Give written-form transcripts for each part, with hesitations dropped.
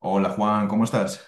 Hola Juan, ¿cómo estás?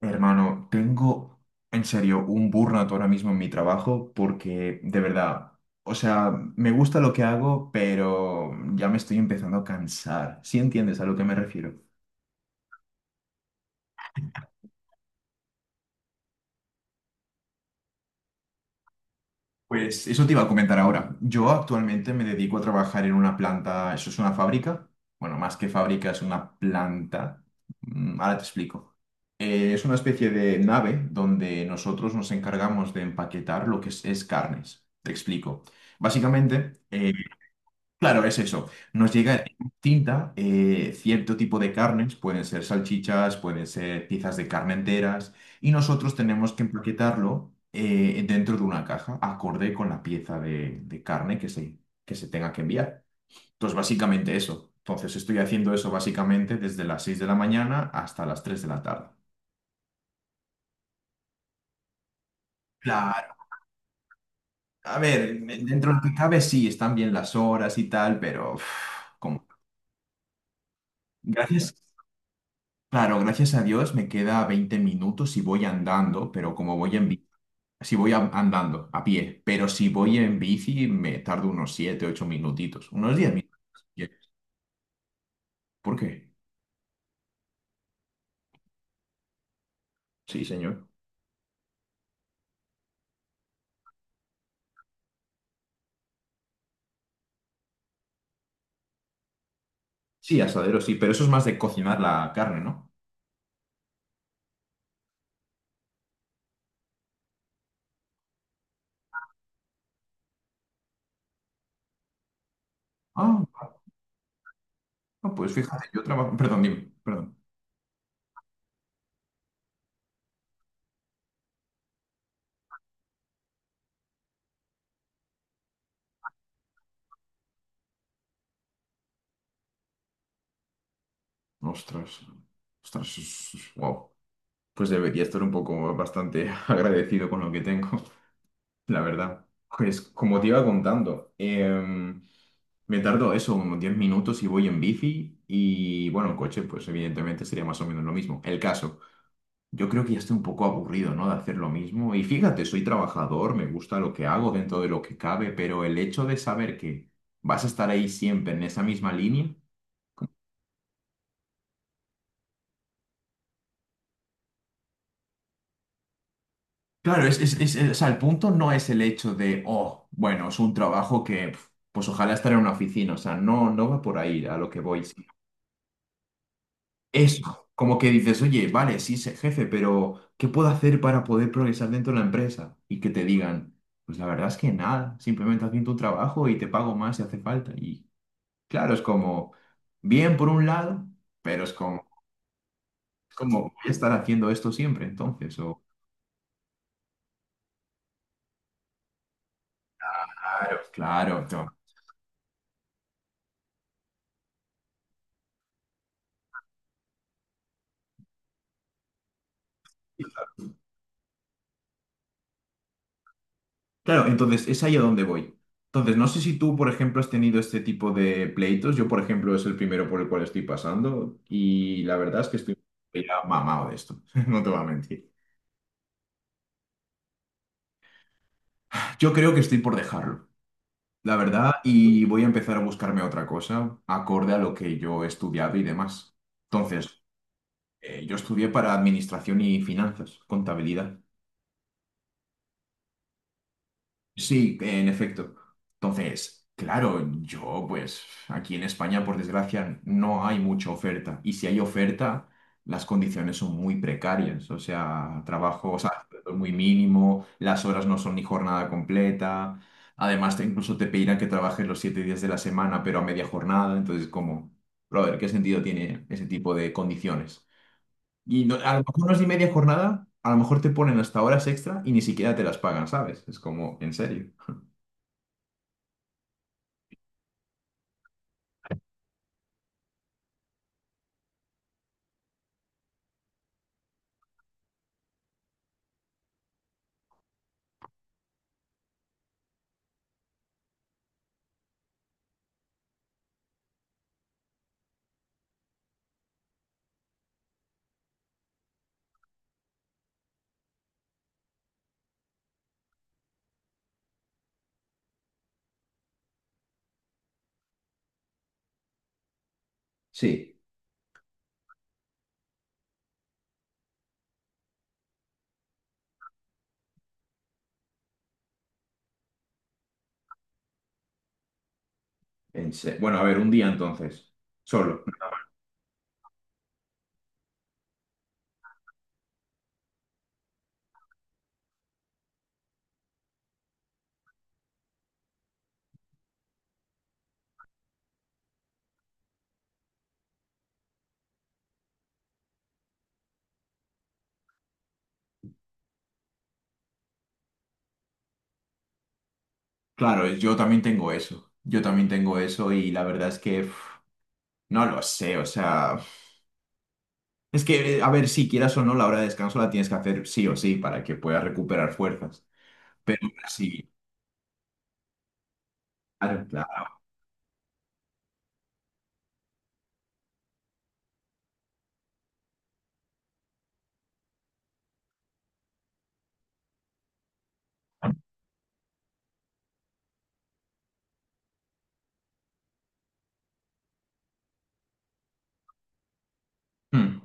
Hermano, tengo en serio un burnout ahora mismo en mi trabajo porque de verdad, o sea, me gusta lo que hago, pero ya me estoy empezando a cansar. ¿Sí entiendes a lo que me refiero? Pues eso te iba a comentar ahora. Yo actualmente me dedico a trabajar en una planta, eso es una fábrica, bueno, más que fábrica es una planta. Ahora te explico. Es una especie de nave donde nosotros nos encargamos de empaquetar lo que es carnes. Te explico. Básicamente, claro, es eso. Nos llega en tinta cierto tipo de carnes, pueden ser salchichas, pueden ser piezas de carne enteras, y nosotros tenemos que empaquetarlo dentro de una caja, acorde con la pieza de carne que se tenga que enviar. Entonces, básicamente eso. Entonces, estoy haciendo eso básicamente desde las 6 de la mañana hasta las 3 de la tarde. Claro, a ver, dentro de lo que cabe sí, están bien las horas y tal, pero uf, como. Gracias. Claro, gracias a Dios me queda 20 minutos si voy andando, pero como voy en bici, si andando a pie, pero si voy en bici me tardo unos 7, 8 minutitos, unos 10 minutos. ¿Por qué? Sí, señor. Sí, asadero, sí, pero eso es más de cocinar la carne, ¿no? Ah, ah, pues fíjate, yo trabajo. Perdón, dime, perdón. Ostras, ostras, wow. Pues debería estar un poco bastante agradecido con lo que tengo. La verdad, pues como te iba contando, me tardo eso, unos 10 minutos y voy en bici y bueno, en coche pues evidentemente sería más o menos lo mismo. El caso, yo creo que ya estoy un poco aburrido, ¿no? De hacer lo mismo y fíjate, soy trabajador, me gusta lo que hago dentro de lo que cabe, pero el hecho de saber que vas a estar ahí siempre en esa misma línea, claro, es o sea, el punto no es el hecho de, oh, bueno, es un trabajo que. Pf, pues ojalá estar en una oficina, o sea, no, no va por ahí a lo que voy. Eso, como que dices, oye, vale, sí, sé jefe, pero ¿qué puedo hacer para poder progresar dentro de la empresa? Y que te digan, pues la verdad es que nada, simplemente haz bien tu trabajo y te pago más si hace falta. Y claro, es como, bien por un lado, pero es como voy a estar haciendo esto siempre, entonces, o, claro, no. Claro, entonces es ahí a donde voy. Entonces, no sé si tú, por ejemplo, has tenido este tipo de pleitos. Yo, por ejemplo, es el primero por el cual estoy pasando y la verdad es que estoy ya mamado de esto, no te voy a mentir. Yo creo que estoy por dejarlo, la verdad, y voy a empezar a buscarme otra cosa acorde a lo que yo he estudiado y demás. Entonces, yo estudié para administración y finanzas, contabilidad. Sí, en efecto. Entonces, claro, yo pues aquí en España, por desgracia, no hay mucha oferta. Y si hay oferta, las condiciones son muy precarias. O sea, trabajo, o sea, muy mínimo, las horas no son ni jornada completa. Además, incluso te pedirán que trabajes los 7 días de la semana, pero a media jornada. Entonces, como, brother, ¿qué sentido tiene ese tipo de condiciones? A lo mejor no es ni media jornada, a lo mejor te ponen hasta horas extra y ni siquiera te las pagan, ¿sabes? Es como, en serio. Sí, bueno, a ver, un día entonces, solo. Claro, yo también tengo eso, yo también tengo eso y la verdad es que uf, no lo sé, o sea, es que, a ver, si quieras o no, la hora de descanso la tienes que hacer sí o sí para que puedas recuperar fuerzas, pero sí, claro, claro. Hmm.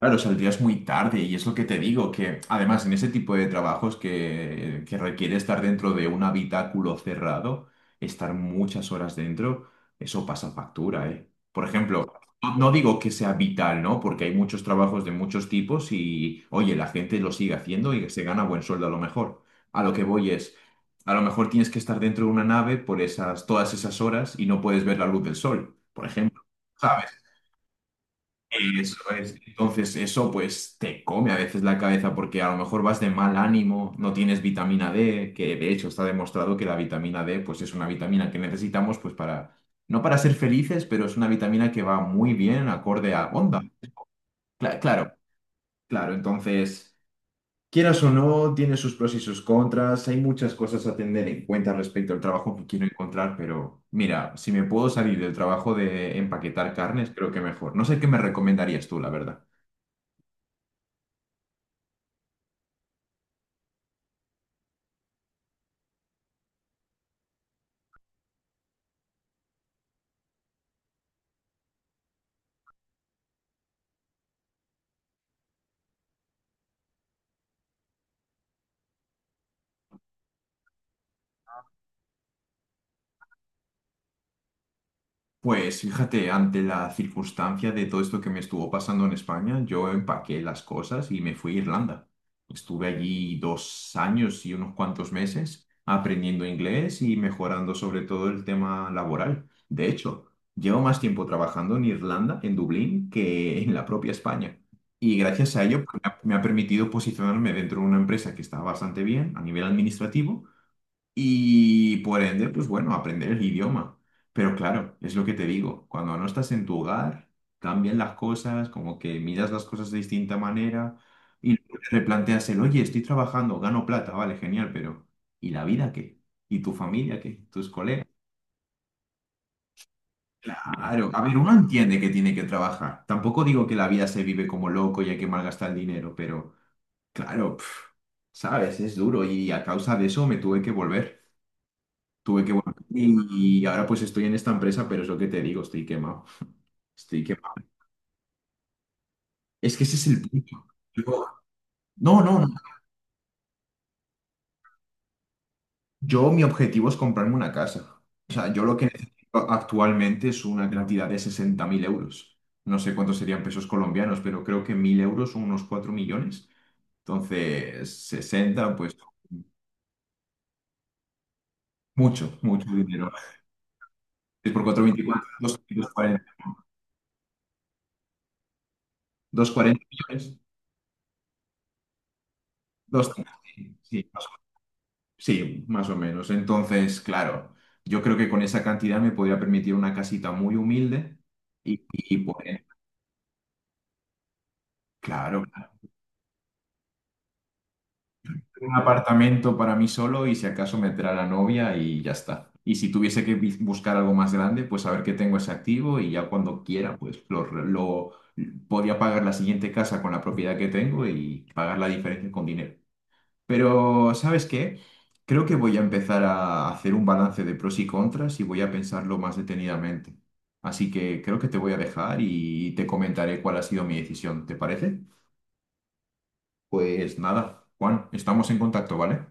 Claro, saldrías muy tarde y es lo que te digo, que además en ese tipo de trabajos que requiere estar dentro de un habitáculo cerrado, estar muchas horas dentro, eso pasa factura, ¿eh? Por ejemplo, no, no digo que sea vital, ¿no? Porque hay muchos trabajos de muchos tipos y, oye, la gente lo sigue haciendo y se gana buen sueldo a lo mejor. A lo que voy es, a lo mejor tienes que estar dentro de una nave por esas, todas esas horas y no puedes ver la luz del sol, por ejemplo. Eso es. Entonces, eso pues te come a veces la cabeza porque a lo mejor vas de mal ánimo, no tienes vitamina D, que de hecho está demostrado que la vitamina D pues es una vitamina que necesitamos pues para, no para ser felices, pero es una vitamina que va muy bien acorde a onda. Claro, claro. Entonces, quieras o no, tiene sus pros y sus contras, hay muchas cosas a tener en cuenta respecto al trabajo que quiero encontrar, pero mira, si me puedo salir del trabajo de empaquetar carnes, creo que mejor. No sé qué me recomendarías tú, la verdad. Pues fíjate, ante la circunstancia de todo esto que me estuvo pasando en España, yo empaqué las cosas y me fui a Irlanda. Estuve allí 2 años y unos cuantos meses aprendiendo inglés y mejorando sobre todo el tema laboral. De hecho, llevo más tiempo trabajando en Irlanda, en Dublín, que en la propia España. Y gracias a ello, pues, me ha permitido posicionarme dentro de una empresa que está bastante bien a nivel administrativo y por ende, pues bueno, aprender el idioma. Pero claro, es lo que te digo, cuando no estás en tu hogar, cambian las cosas, como que miras las cosas de distinta manera y luego te replanteas el, oye, estoy trabajando, gano plata, vale, genial, pero ¿y la vida qué? ¿Y tu familia qué? ¿Tus colegas? Claro, a ver, uno entiende que tiene que trabajar. Tampoco digo que la vida se vive como loco y hay que malgastar el dinero, pero claro, pf, sabes, es duro y a causa de eso me tuve que volver. Tuve que volver y, ahora pues estoy en esta empresa, pero es lo que te digo, estoy quemado. Estoy quemado. Es que ese es el punto. Yo- no, no, no. Yo mi objetivo es comprarme una casa. O sea, yo lo que necesito actualmente es una cantidad de 60.000 euros. No sé cuántos serían pesos colombianos, pero creo que 1.000 euros son unos 4 millones. Entonces, sesenta pues mucho, mucho dinero. Es por cuatro, veinticuatro, doscientos cuarenta 240, 40 millones. 200, sí, sí. Sí, más o menos. Entonces, claro, yo creo que con esa cantidad me podría permitir una casita muy humilde y pues, claro, un apartamento para mí solo y si acaso meter a la novia y ya está. Y si tuviese que buscar algo más grande, pues saber que tengo ese activo y ya cuando quiera, pues lo podría pagar la siguiente casa con la propiedad que tengo y pagar la diferencia con dinero. Pero, ¿sabes qué? Creo que voy a empezar a hacer un balance de pros y contras y voy a pensarlo más detenidamente. Así que creo que te voy a dejar y te comentaré cuál ha sido mi decisión. ¿Te parece? Pues nada, Juan, estamos en contacto, ¿vale?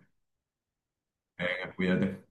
Cuídate.